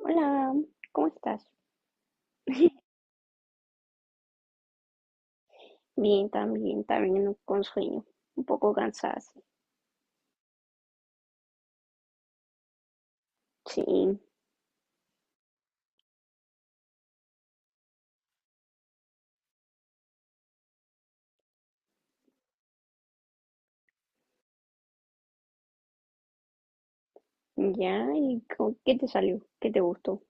Hola, ¿cómo estás? Bien, también, también con sueño, un poco cansada, sí. Sí, ya, ¿y qué te salió? ¿Qué te gustó?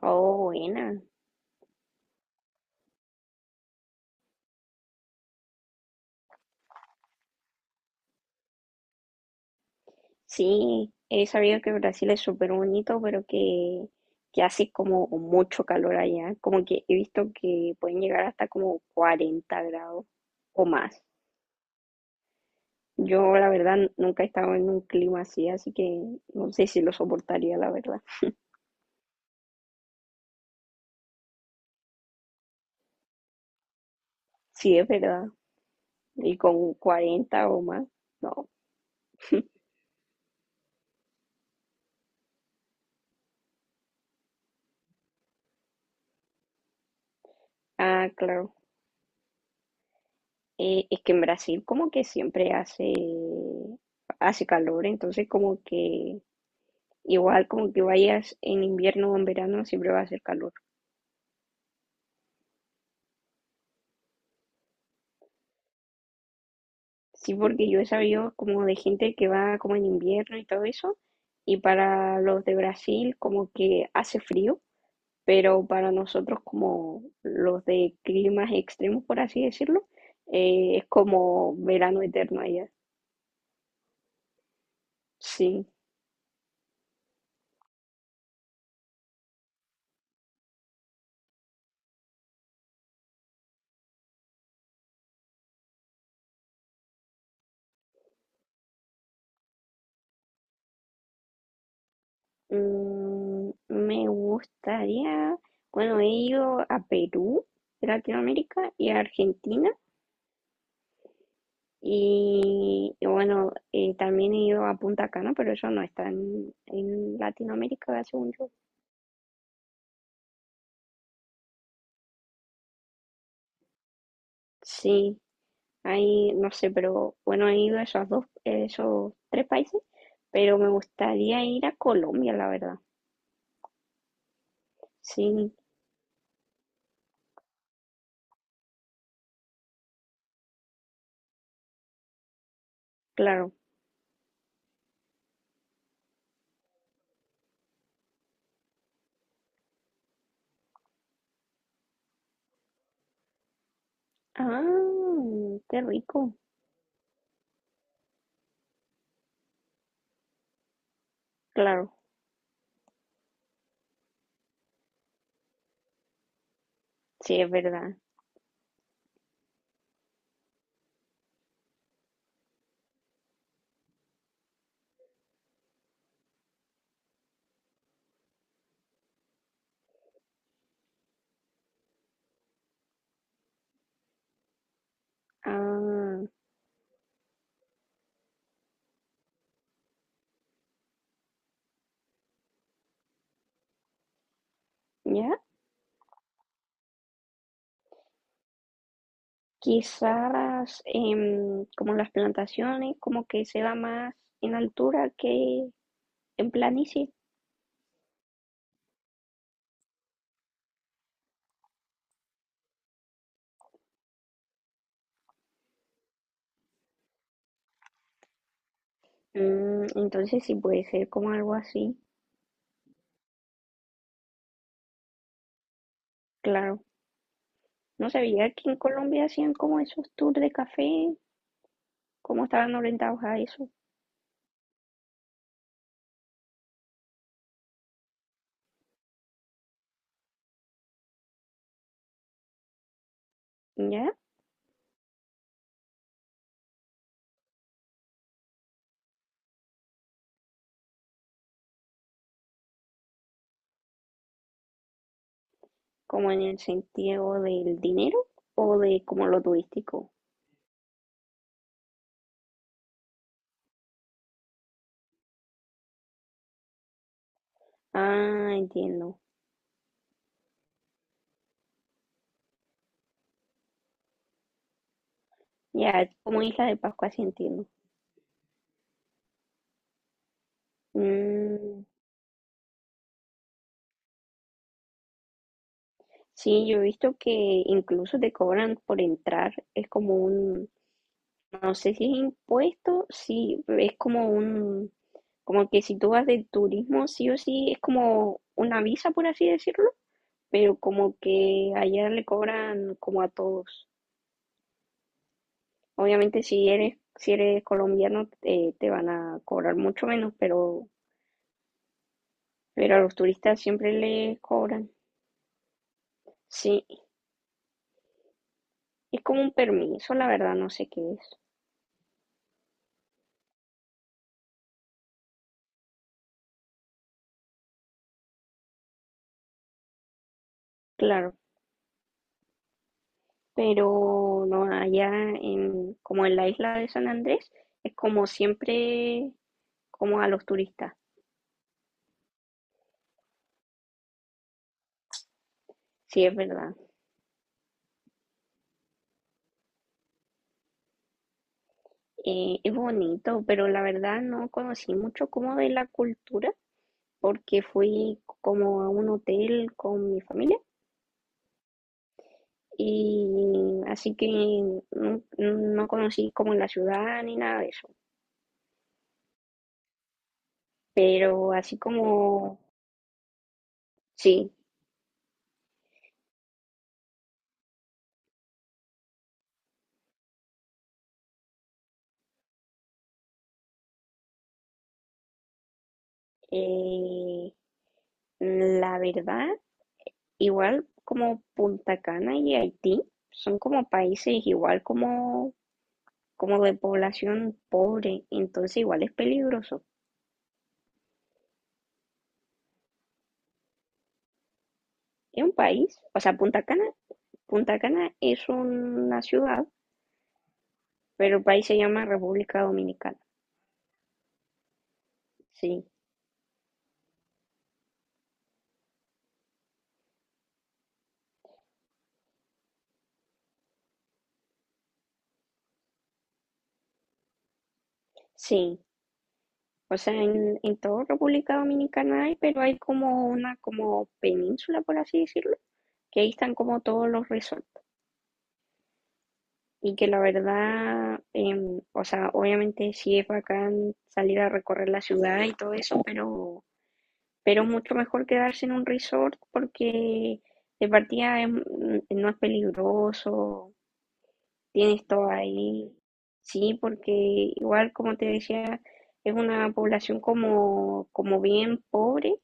Oh, buena. Sí, he sabido que Brasil es súper bonito, pero que hace como mucho calor allá, como que he visto que pueden llegar hasta como 40 grados o más. Yo, la verdad, nunca he estado en un clima así, así que no sé si lo soportaría, la verdad. Sí, es verdad. Y con 40 o más. No. Ah, claro. Es que en Brasil como que siempre hace calor, entonces como que igual como que vayas en invierno o en verano siempre va a hacer calor. Sí, porque yo he sabido como de gente que va como en invierno y todo eso, y para los de Brasil como que hace frío, pero para nosotros como los de climas extremos, por así decirlo, es como verano eterno allá. Sí. Mm, me gustaría, bueno, he ido a Perú, de Latinoamérica, y a Argentina, y bueno, también he ido a Punta Cana, pero eso no está en Latinoamérica, según yo. Sí, ahí, no sé, pero bueno, he ido a esos dos, esos tres países, pero me gustaría ir a Colombia, la verdad. Sí, claro. Ah, qué rico. Claro, sí, es verdad. Ah, ¿ya? Quizás como las plantaciones, como que se da más en altura que en planicie. Mm, entonces sí puede ser como algo así, claro. No sabía que en Colombia hacían como esos tours de café, cómo estaban orientados a eso, ¿ya? Como en el sentido del dinero o de como lo turístico. Ah, entiendo. Ya, como Isla de Pascua, sí entiendo. Mm, sí, yo he visto que incluso te cobran por entrar, es como un, no sé si es impuesto, sí, es como un, como que si tú vas de turismo, sí o sí, es como una visa, por así decirlo, pero como que allá le cobran como a todos. Obviamente si eres colombiano, te van a cobrar mucho menos, pero a los turistas siempre les cobran. Sí, es como un permiso, la verdad, no sé qué es. Claro, pero no, allá como en la isla de San Andrés, es como siempre, como a los turistas, sí es verdad. Es bonito, pero la verdad no conocí mucho como de la cultura, porque fui como a un hotel con mi familia, y así que no, no conocí como la ciudad ni nada de eso, pero así como, sí, eh, la verdad igual como Punta Cana y Haití son como países igual como, como de población pobre, entonces igual es peligroso. Es un país, o sea, Punta Cana es una ciudad, pero el país se llama República Dominicana. Sí, sí. O sea, en toda República Dominicana hay, pero hay como una como península, por así decirlo, que ahí están como todos los resorts. Y que la verdad, o sea, obviamente sí es bacán salir a recorrer la ciudad y todo eso, pero mucho mejor quedarse en un resort porque de partida no es peligroso, tienes todo ahí. Sí, porque igual como te decía, es una población como, como bien pobre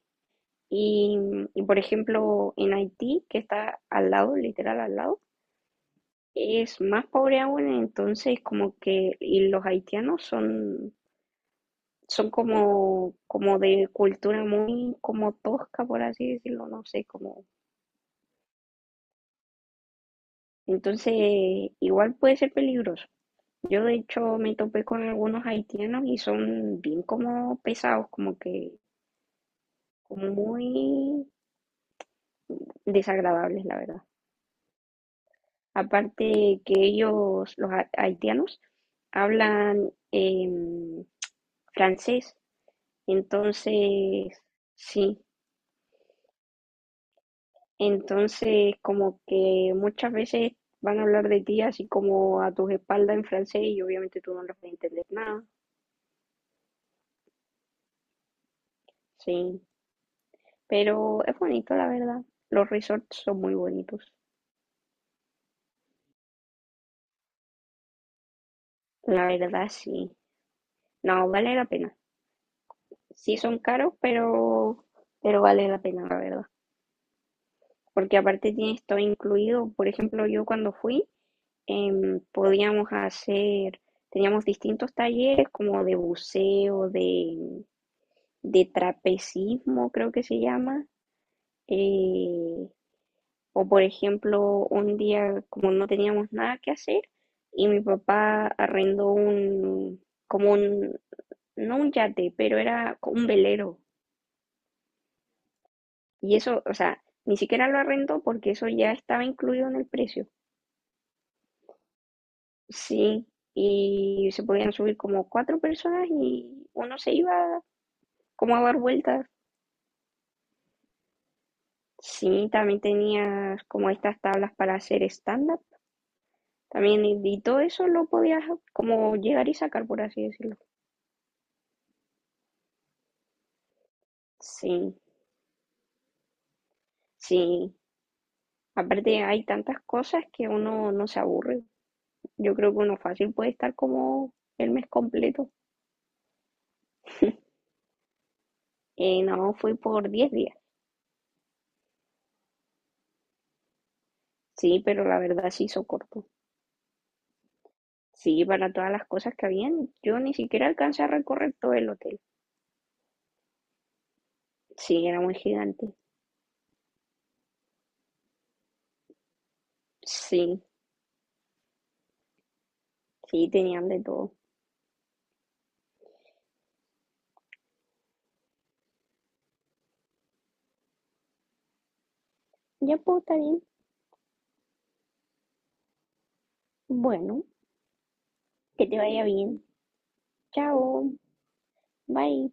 y, y por ejemplo en Haití, que está al lado, literal al lado, es más pobre aún, entonces como que y los haitianos son como, como de cultura muy como tosca, por así decirlo, no sé, como... Entonces igual puede ser peligroso. Yo de hecho me topé con algunos haitianos y son bien como pesados, como que como muy desagradables, la verdad. Aparte que ellos, los haitianos, hablan francés. Entonces, sí, entonces como que muchas veces van a hablar de ti así como a tus espaldas en francés y obviamente tú no les vas a entender nada, sí, pero es bonito la verdad, los resorts son muy bonitos, la verdad sí, no, vale la pena, sí son caros, pero vale la pena la verdad, porque aparte tienes todo incluido, por ejemplo yo cuando fui podíamos hacer, teníamos distintos talleres como de buceo, de trapecismo, creo que se llama. eh, o por ejemplo, un día como no teníamos nada que hacer y mi papá arrendó un, como un, no un yate, pero era un velero. Y eso, o sea, ni siquiera lo arrendó porque eso ya estaba incluido en el precio. Sí, y se podían subir como cuatro personas y uno se iba como dar vueltas. Sí, también tenías como estas tablas para hacer stand-up. También, y todo eso lo podías como llegar y sacar, por así decirlo. Sí, sí. Aparte hay tantas cosas que uno no se aburre. Yo creo que uno fácil puede estar como el mes completo. No, fui por 10 días. Sí, pero la verdad se hizo corto. Sí, para todas las cosas que habían, yo ni siquiera alcancé a recorrer todo el hotel. Sí, era muy gigante. Sí, sí, tenían de todo. Ya pues, está bien. Bueno, que te vaya bien. Chao. Bye.